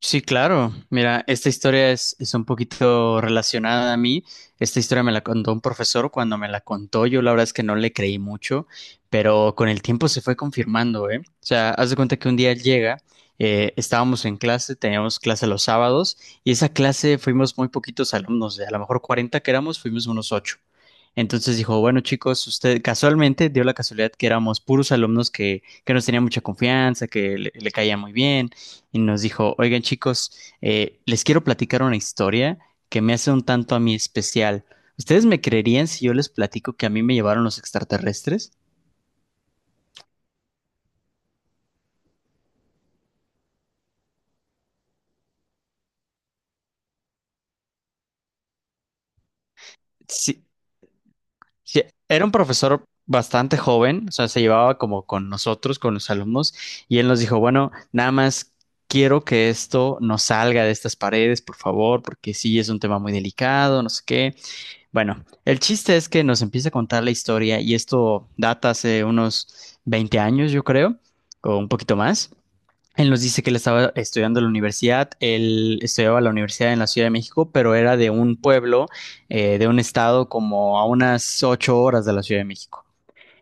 Sí, claro. Mira, esta historia es un poquito relacionada a mí. Esta historia me la contó un profesor cuando me la contó. Yo la verdad es que no le creí mucho, pero con el tiempo se fue confirmando, ¿eh? O sea, haz de cuenta que un día llega, estábamos en clase, teníamos clase los sábados y esa clase fuimos muy poquitos alumnos, de a lo mejor 40 que éramos, fuimos unos 8. Entonces dijo, bueno chicos, usted casualmente dio la casualidad que éramos puros alumnos que nos tenía mucha confianza, que le caía muy bien y nos dijo, oigan chicos, les quiero platicar una historia que me hace un tanto a mí especial. ¿Ustedes me creerían si yo les platico que a mí me llevaron los extraterrestres? Sí, sí, era un profesor bastante joven, o sea, se llevaba como con nosotros, con los alumnos, y él nos dijo, bueno, nada más quiero que esto no salga de estas paredes, por favor, porque sí es un tema muy delicado, no sé qué. Bueno, el chiste es que nos empieza a contar la historia y esto data hace unos 20 años, yo creo, o un poquito más. Él nos dice que él estaba estudiando en la universidad, él estudiaba en la universidad en la Ciudad de México, pero era de un pueblo, de un estado como a unas 8 horas de la Ciudad de México.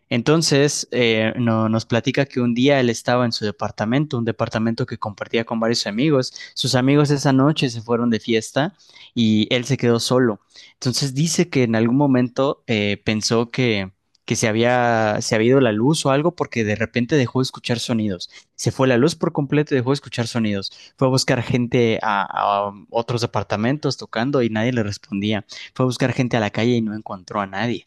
Entonces, nos platica que un día él estaba en su departamento, un departamento que compartía con varios amigos. Sus amigos esa noche se fueron de fiesta y él se quedó solo. Entonces dice que en algún momento pensó que se había ido la luz o algo porque de repente dejó de escuchar sonidos. Se fue la luz por completo y dejó de escuchar sonidos. Fue a buscar gente a otros departamentos tocando y nadie le respondía. Fue a buscar gente a la calle y no encontró a nadie.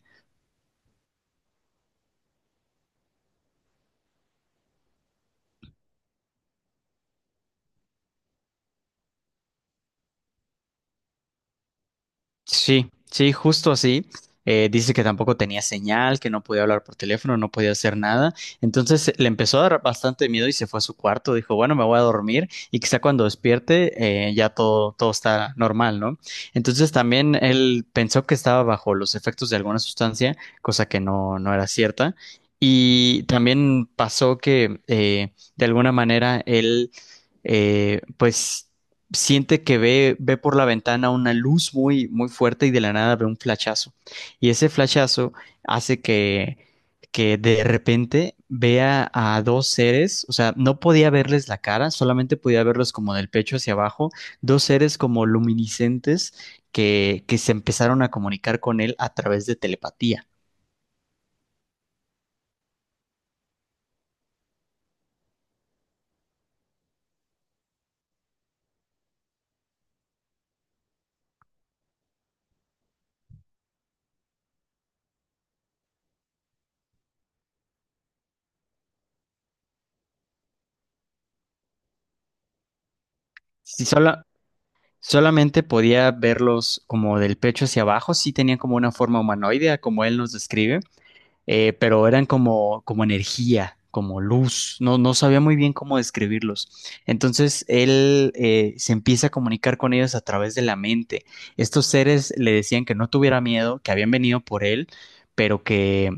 Sí, sí, justo así. Dice que tampoco tenía señal, que no podía hablar por teléfono, no podía hacer nada. Entonces le empezó a dar bastante miedo y se fue a su cuarto. Dijo, bueno, me voy a dormir y quizá cuando despierte ya todo está normal, ¿no? Entonces también él pensó que estaba bajo los efectos de alguna sustancia, cosa que no, no era cierta. Y también pasó que de alguna manera él pues siente que ve por la ventana una luz muy, muy fuerte y de la nada ve un flachazo. Y ese flachazo hace que de repente vea a dos seres, o sea, no podía verles la cara, solamente podía verlos como del pecho hacia abajo, dos seres como luminiscentes que se empezaron a comunicar con él a través de telepatía. Si sola- solamente podía verlos como del pecho hacia abajo, sí tenían como una forma humanoidea, como él nos describe pero eran como energía, como luz, no, no sabía muy bien cómo describirlos. Entonces él se empieza a comunicar con ellos a través de la mente. Estos seres le decían que no tuviera miedo, que habían venido por él, pero que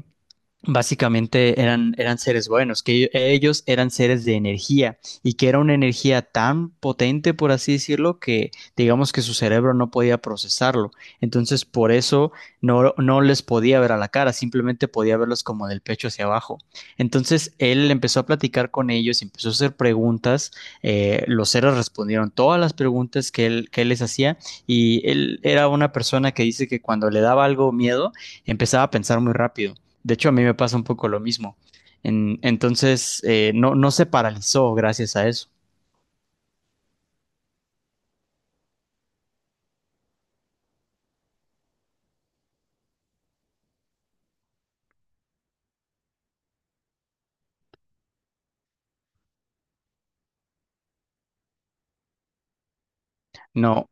básicamente eran seres buenos, que ellos eran seres de energía y que era una energía tan potente, por así decirlo, que digamos que su cerebro no podía procesarlo. Entonces, por eso no, no les podía ver a la cara, simplemente podía verlos como del pecho hacia abajo. Entonces, él empezó a platicar con ellos, empezó a hacer preguntas, los seres respondieron todas las preguntas que él les hacía y él era una persona que dice que cuando le daba algo miedo, empezaba a pensar muy rápido. De hecho, a mí me pasa un poco lo mismo. Entonces, no, no se paralizó gracias a eso. No,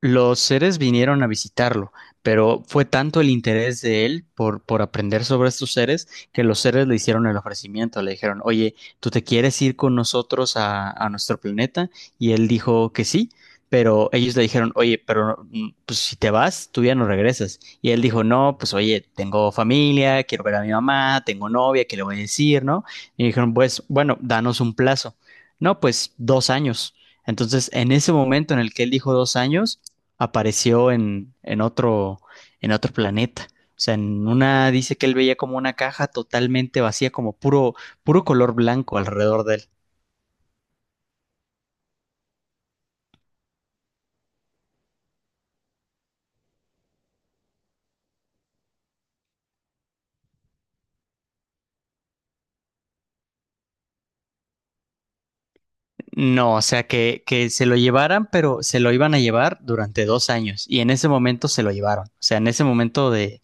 los seres vinieron a visitarlo, pero fue tanto el interés de él por aprender sobre estos seres que los seres le hicieron el ofrecimiento, le dijeron, oye, ¿tú te quieres ir con nosotros a nuestro planeta? Y él dijo que sí, pero ellos le dijeron, oye, pero pues, si te vas, tú ya no regresas. Y él dijo, no, pues oye, tengo familia, quiero ver a mi mamá, tengo novia, ¿qué le voy a decir, no? Y dijeron, pues bueno, danos un plazo. No, pues 2 años. Entonces, en ese momento en el que él dijo 2 años, apareció en otro planeta. O sea, en una dice que él veía como una caja totalmente vacía, como puro, puro color blanco alrededor de él. No, o sea, que se lo llevaran, pero se lo iban a llevar durante 2 años. Y en ese momento se lo llevaron. O sea, en ese momento de,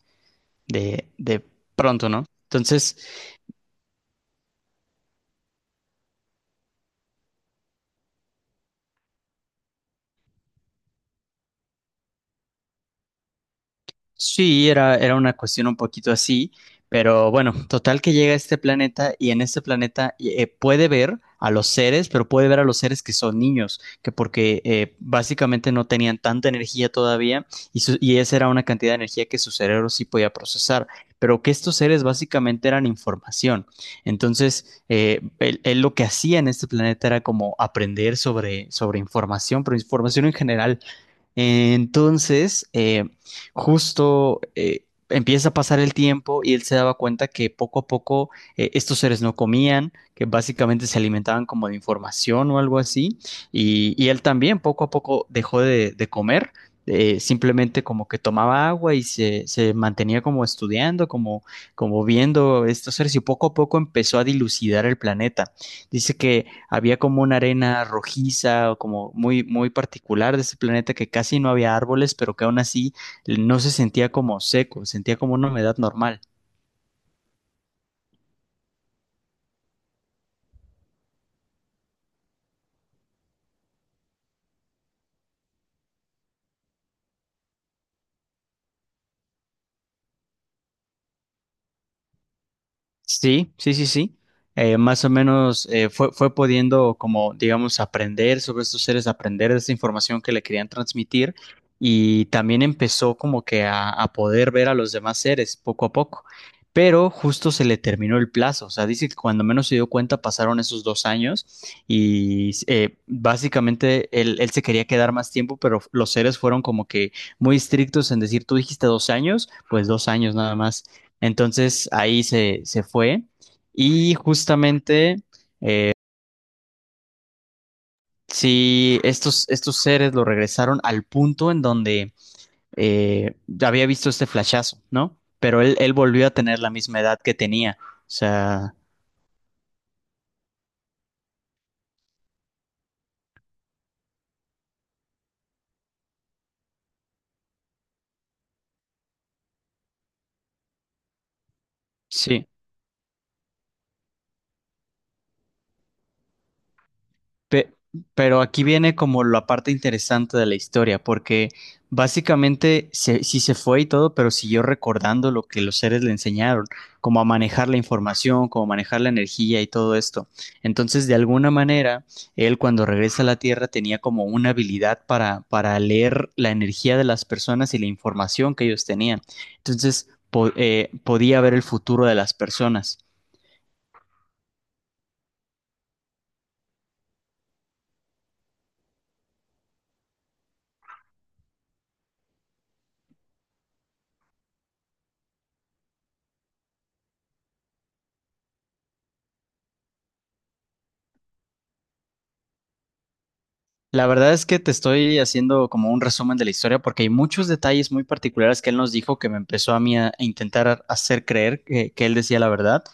de, de pronto, ¿no? Entonces, sí, era una cuestión un poquito así, pero bueno, total que llega a este planeta y en este planeta puede ver a los seres, pero puede ver a los seres que son niños, que porque básicamente no tenían tanta energía todavía y esa era una cantidad de energía que su cerebro sí podía procesar, pero que estos seres básicamente eran información. Entonces, él lo que hacía en este planeta era como aprender sobre información, pero información en general. Entonces, justo empieza a pasar el tiempo y él se daba cuenta que poco a poco estos seres no comían, que básicamente se alimentaban como de información o algo así, y él también poco a poco dejó de comer. Simplemente como que tomaba agua y se mantenía como estudiando, como viendo estos seres y poco a poco empezó a dilucidar el planeta. Dice que había como una arena rojiza o como muy, muy particular de ese planeta que casi no había árboles, pero que aún así no se sentía como seco, sentía como una humedad normal. Sí, sí, sí, sí. Más o menos fue pudiendo como, digamos, aprender sobre estos seres, aprender de esa información que le querían transmitir y también empezó como que a poder ver a los demás seres poco a poco. Pero justo se le terminó el plazo, o sea, dice que cuando menos se dio cuenta pasaron esos 2 años y básicamente él se quería quedar más tiempo, pero los seres fueron como que muy estrictos en decir, tú dijiste 2 años, pues dos años nada más. Entonces ahí se fue y justamente si estos seres lo regresaron al punto en donde eh, había visto este flashazo, ¿no? Pero él volvió a tener la misma edad que tenía. O sea, sí. Pe- pero aquí viene como la parte interesante de la historia, porque básicamente sí se fue y todo, pero siguió recordando lo que los seres le enseñaron, como a manejar la información, como manejar la energía y todo esto. Entonces, de alguna manera, él cuando regresa a la Tierra tenía como una habilidad para leer la energía de las personas y la información que ellos tenían. Entonces, podía ver el futuro de las personas. La verdad es que te estoy haciendo como un resumen de la historia porque hay muchos detalles muy particulares que él nos dijo que me empezó a mí a intentar hacer creer que él decía la verdad,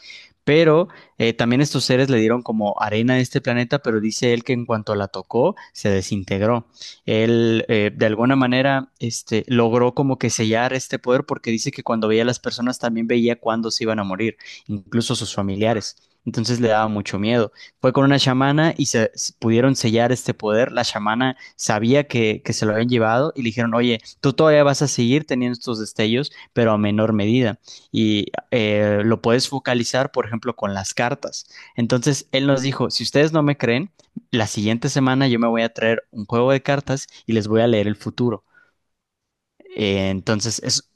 pero también estos seres le dieron como arena a este planeta, pero dice él que en cuanto la tocó se desintegró. Él de alguna manera logró como que sellar este poder porque dice que cuando veía a las personas también veía cuándo se iban a morir, incluso sus familiares. Entonces le daba mucho miedo. Fue con una chamana y pudieron sellar este poder. La chamana sabía que se lo habían llevado y le dijeron, oye, tú todavía vas a seguir teniendo estos destellos, pero a menor medida. Y lo puedes focalizar, por ejemplo, con las cartas. Entonces, él nos dijo, si ustedes no me creen, la siguiente semana yo me voy a traer un juego de cartas y les voy a leer el futuro. Eh, entonces, es,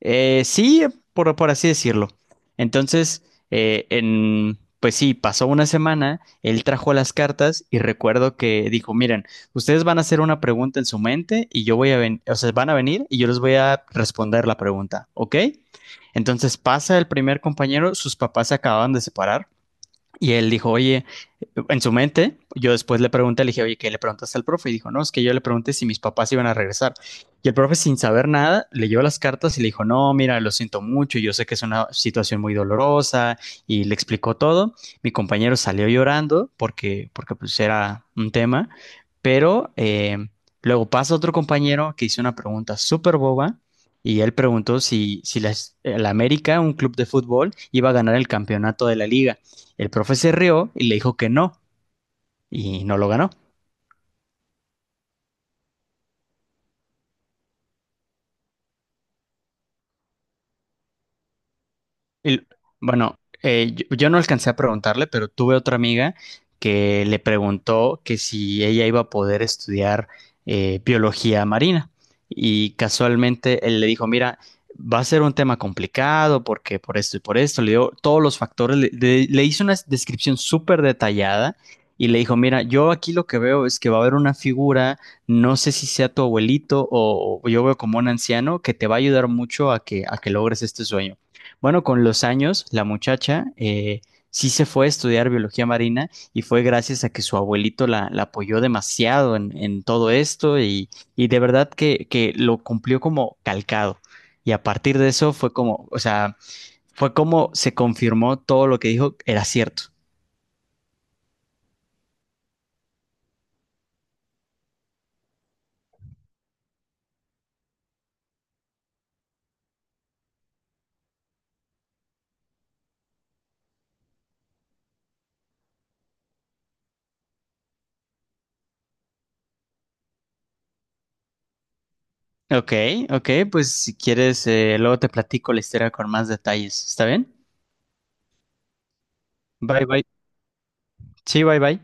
Sí, por así decirlo. Entonces, pues sí, pasó una semana, él trajo las cartas y recuerdo que dijo, miren, ustedes van a hacer una pregunta en su mente y yo voy a venir, o sea, van a venir y yo les voy a responder la pregunta, ¿ok? Entonces pasa el primer compañero, sus papás se acababan de separar y él dijo, oye, en su mente, yo después le pregunté, le dije, oye, ¿qué le preguntaste al profe? Y dijo, no, es que yo le pregunté si mis papás iban a regresar. Y el profe, sin saber nada, leyó las cartas y le dijo, no, mira, lo siento mucho, yo sé que es una situación muy dolorosa, y le explicó todo. Mi compañero salió llorando porque, porque era un tema, pero luego pasa otro compañero que hizo una pregunta súper boba. Y él preguntó si la América, un club de fútbol, iba a ganar el campeonato de la liga. El profe se rió y le dijo que no, y no lo ganó. El- bueno, yo no alcancé a preguntarle, pero tuve otra amiga que le preguntó que si ella iba a poder estudiar biología marina. Y casualmente él le dijo, mira, va a ser un tema complicado porque por esto y por esto, le dio todos los factores, le hizo una descripción súper detallada y le dijo, mira, yo aquí lo que veo es que va a haber una figura, no sé si sea tu abuelito o yo veo como un anciano que te va a ayudar mucho a que, logres este sueño. Bueno, con los años, la muchacha sí se fue a estudiar biología marina y fue gracias a que su abuelito la apoyó demasiado en todo esto y de verdad que lo cumplió como calcado. Y a partir de eso fue como, o sea, fue como se confirmó todo lo que dijo era cierto. Ok, ok, pues si quieres, luego te platico la historia con más detalles. ¿Está bien? Bye, bye. Sí, bye, bye.